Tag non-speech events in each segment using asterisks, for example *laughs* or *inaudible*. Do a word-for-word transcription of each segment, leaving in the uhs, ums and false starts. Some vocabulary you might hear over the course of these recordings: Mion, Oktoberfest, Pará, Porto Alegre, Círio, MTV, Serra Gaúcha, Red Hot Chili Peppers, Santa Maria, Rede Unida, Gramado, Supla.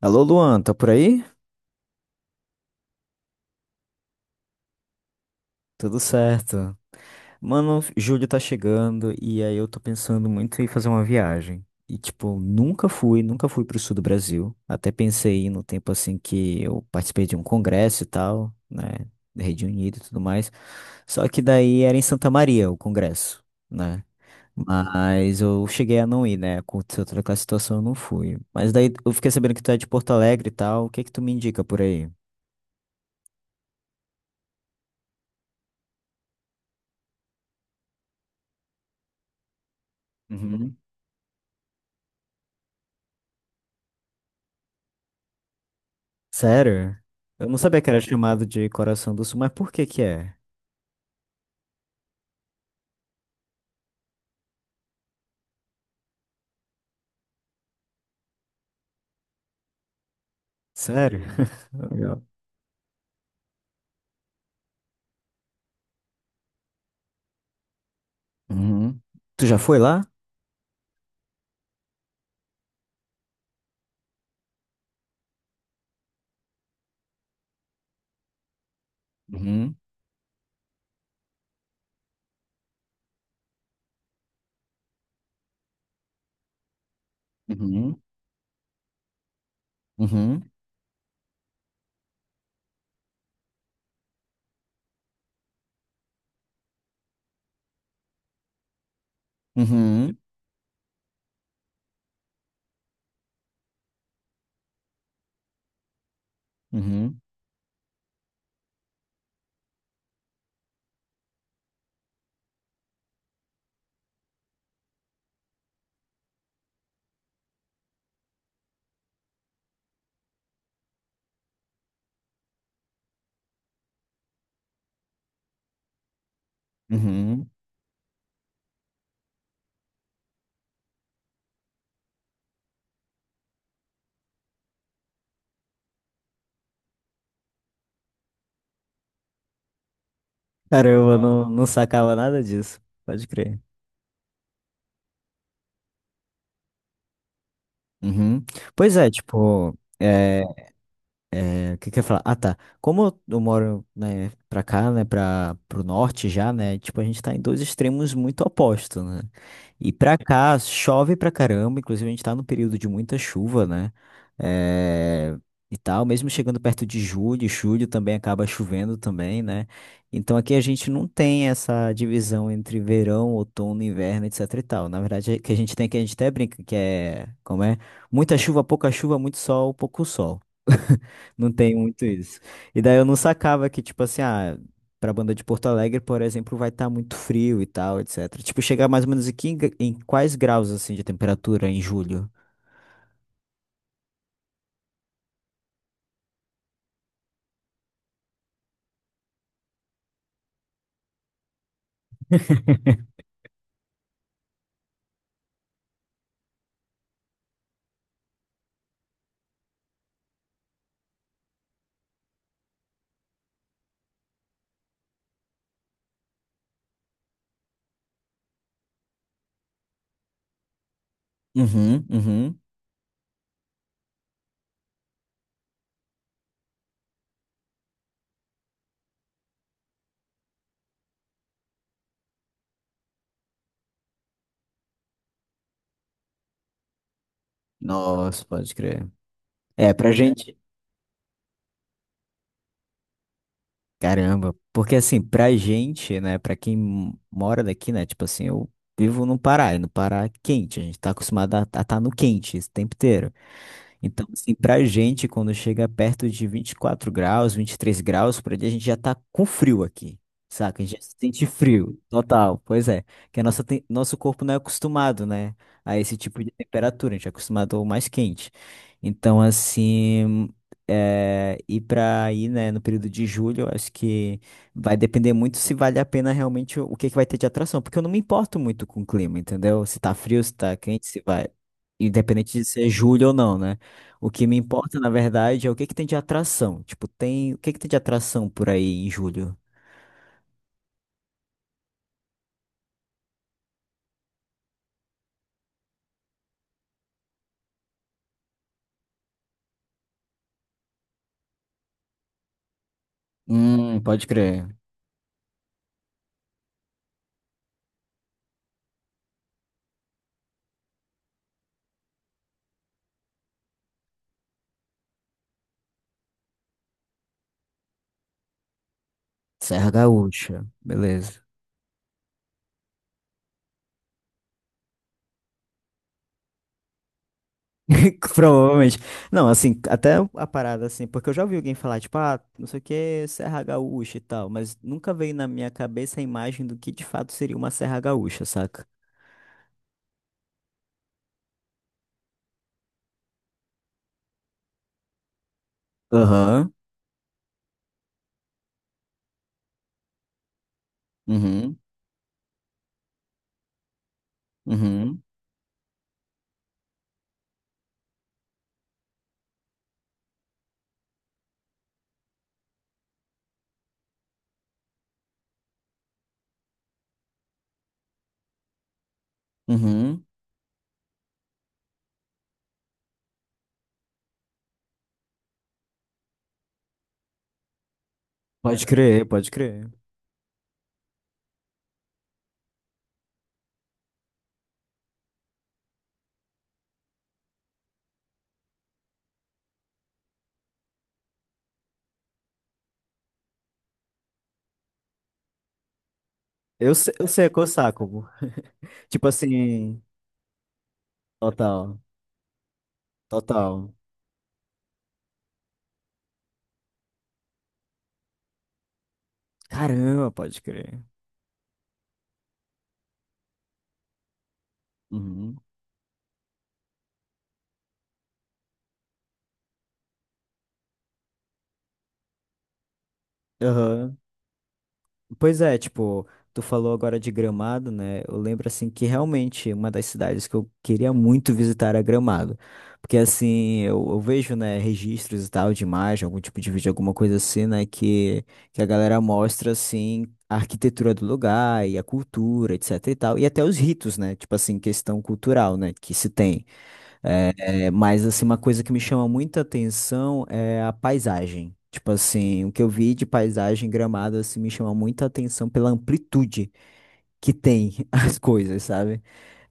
Alô, Luan, tá por aí? Tudo certo. Mano, julho tá chegando e aí eu tô pensando muito em fazer uma viagem. E, tipo, nunca fui, nunca fui pro sul do Brasil. Até pensei em ir no tempo assim que eu participei de um congresso e tal, né, da Rede Unida e tudo mais. Só que daí era em Santa Maria o congresso, né? Mas eu cheguei a não ir, né? Aconteceu toda aquela situação, eu não fui. Mas daí eu fiquei sabendo que tu é de Porto Alegre e tal. O que é que tu me indica por aí? Uhum. Sério? Eu não sabia que era chamado de Coração do Sul, mas por que que é? Sério? *laughs* Legal. Uhum. Tu já foi lá? Uhum. Uhum. Uhum. Uhum. Uhum. Uhum. Caramba, eu não, não sacava nada disso. Pode crer. Uhum. Pois é, tipo, é, É, o que que eu ia falar? Ah, tá. Como eu eu moro, né, pra cá, né, pra, pro norte já, né, tipo, a gente tá em dois extremos muito opostos, né? E pra cá, chove pra caramba, inclusive a gente tá num período de muita chuva, né? É, e tal, mesmo chegando perto de julho, julho também acaba chovendo também, né? Então aqui a gente não tem essa divisão entre verão, outono, inverno, etc e tal. Na verdade, o que a gente tem que a gente até brinca, que é, como é? Muita chuva, pouca chuva, muito sol, pouco sol. *laughs* Não tem muito isso. E daí eu não sacava que, tipo assim, ah, pra banda de Porto Alegre, por exemplo, vai estar muito frio e tal, etcétera. Tipo, chegar mais ou menos aqui em, gra- em quais graus, assim, de temperatura em julho? Uhum, uhum. Nossa, pode crer. É, pra gente. Caramba. Porque, assim, pra gente, né, pra quem m- mora daqui, né, tipo assim, eu vivo no Pará, e no Pará é quente, a gente tá acostumado a estar no quente esse tempo inteiro. Então, assim, pra gente, quando chega perto de vinte e quatro graus, vinte e três graus, por ali, a gente já tá com frio aqui, saca? A gente já se sente frio, total, pois é. Que a nossa, tem- nosso corpo não é acostumado, né, a esse tipo de temperatura, a gente é acostumado ao mais quente. Então, assim, é, ir pra aí, né, no período de julho, eu acho que vai depender muito se vale a pena realmente o o que é que vai ter de atração, porque eu não me importo muito com o clima, entendeu? Se tá frio, se tá quente, se vai. Independente de ser julho ou não, né? O que me importa, na verdade, é o que que tem de atração. Tipo, tem. O que que tem de atração por aí em julho? Hum, pode crer. Serra Gaúcha. Beleza. *laughs* Provavelmente. Não, assim, até a parada, assim, porque eu já ouvi alguém falar, tipo, ah, não sei o que, Serra Gaúcha e tal, mas nunca veio na minha cabeça a imagem do que de fato seria uma Serra Gaúcha, saca? Aham. Uhum. Uhum. Uhum. Pode crer, pode crer. Eu, se- Eu sei qual saco. *laughs* Tipo assim, total. Total. Caramba, pode crer. Uhum. Aham. Pois é, tipo, tu falou agora de Gramado, né? Eu lembro, assim, que realmente uma das cidades que eu queria muito visitar era Gramado. Porque, assim, eu, eu vejo, né, registros e tal de imagem, algum tipo de vídeo, alguma coisa assim, né, que, que a galera mostra, assim, a arquitetura do lugar e a cultura, etc e tal. E até os ritos, né? Tipo assim, questão cultural, né, que se tem. É, é, mas assim, uma coisa que me chama muita atenção é a paisagem. Tipo assim, o que eu vi de paisagem em Gramado assim, me chama muita atenção pela amplitude que tem *laughs* as coisas, sabe?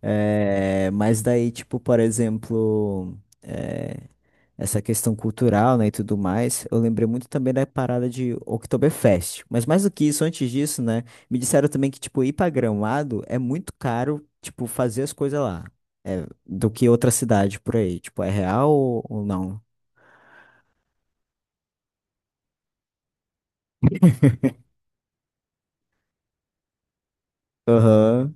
É, mas daí, tipo, por exemplo, é, essa questão cultural, né, e tudo mais, eu lembrei muito também da parada de Oktoberfest. Mas mais do que isso, antes disso, né, me disseram também que, tipo, ir pra Gramado é muito caro, tipo, fazer as coisas lá do que outra cidade por aí. Tipo, é real ou, ou não? Aham.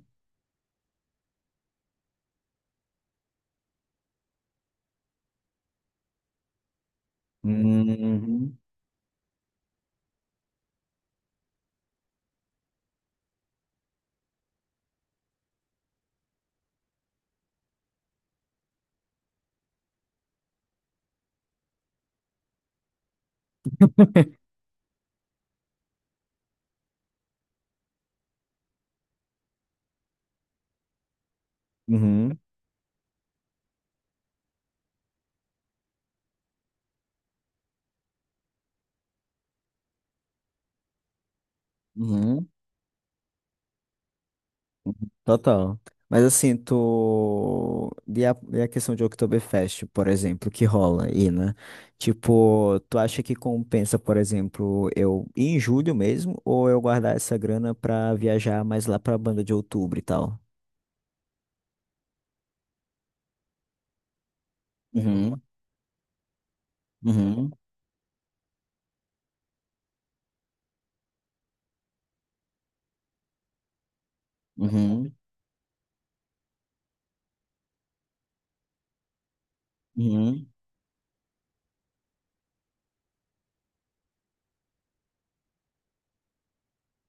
Uhum. Uhum. Uhum. Total. Mas assim, tu. E a, e a questão de Oktoberfest, por exemplo, que rola aí, né? Tipo, tu acha que compensa, por exemplo, eu ir em julho mesmo, ou eu guardar essa grana pra viajar mais lá pra banda de outubro e tal? Uhum. Uhum. Uhum. Uhum.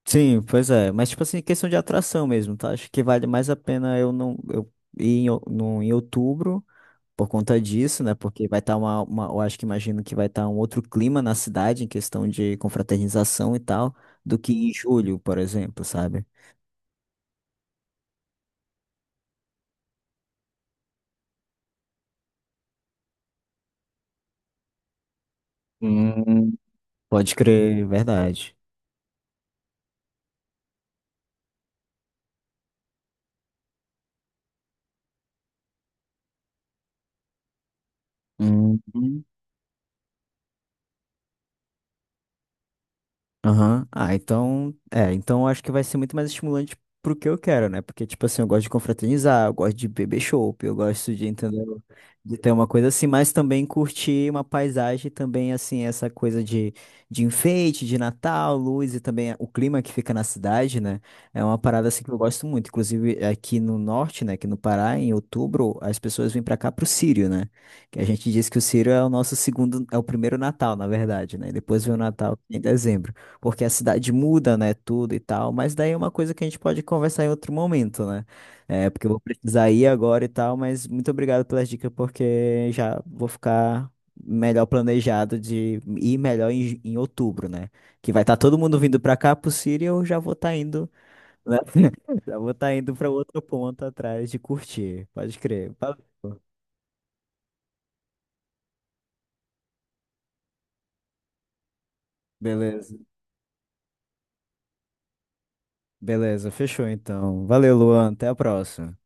Sim, pois é. Mas, tipo assim, questão de atração mesmo, tá? Acho que vale mais a pena eu não eu ir em, o- no, em outubro por conta disso, né? Porque vai estar uma, uma. Eu acho que imagino que vai estar um outro clima na cidade, em questão de confraternização e tal, do que em julho, por exemplo, sabe? Hum, Pode crer, verdade. Hum. Aham. Ah, então, é, então eu acho que vai ser muito mais estimulante pro que eu quero, né? Porque, tipo assim, eu gosto de confraternizar, eu gosto de beber chopp, eu gosto de, entendeu? De ter uma coisa assim, mas também curtir uma paisagem também, assim, essa coisa de, de, enfeite, de Natal, luz e também o clima que fica na cidade, né? É uma parada assim que eu gosto muito. Inclusive, aqui no norte, né? Aqui no Pará, em outubro, as pessoas vêm pra cá pro Círio, né? Que a gente diz que o Círio é o nosso segundo, é o primeiro Natal, na verdade, né? Depois vem o Natal em dezembro porque a cidade muda, né, tudo e tal, mas daí é uma coisa que a gente pode conversar em outro momento, né? É, porque eu vou precisar ir agora e tal, mas muito obrigado pelas dicas, porque já vou ficar melhor planejado de ir melhor em, em outubro, né? Que vai estar todo mundo vindo pra cá pro Siri e eu já vou estar indo, né? *laughs* Já vou estar indo pra outro ponto atrás de curtir, pode crer. Valeu. Beleza, beleza, fechou então. Valeu, Luan, até a próxima.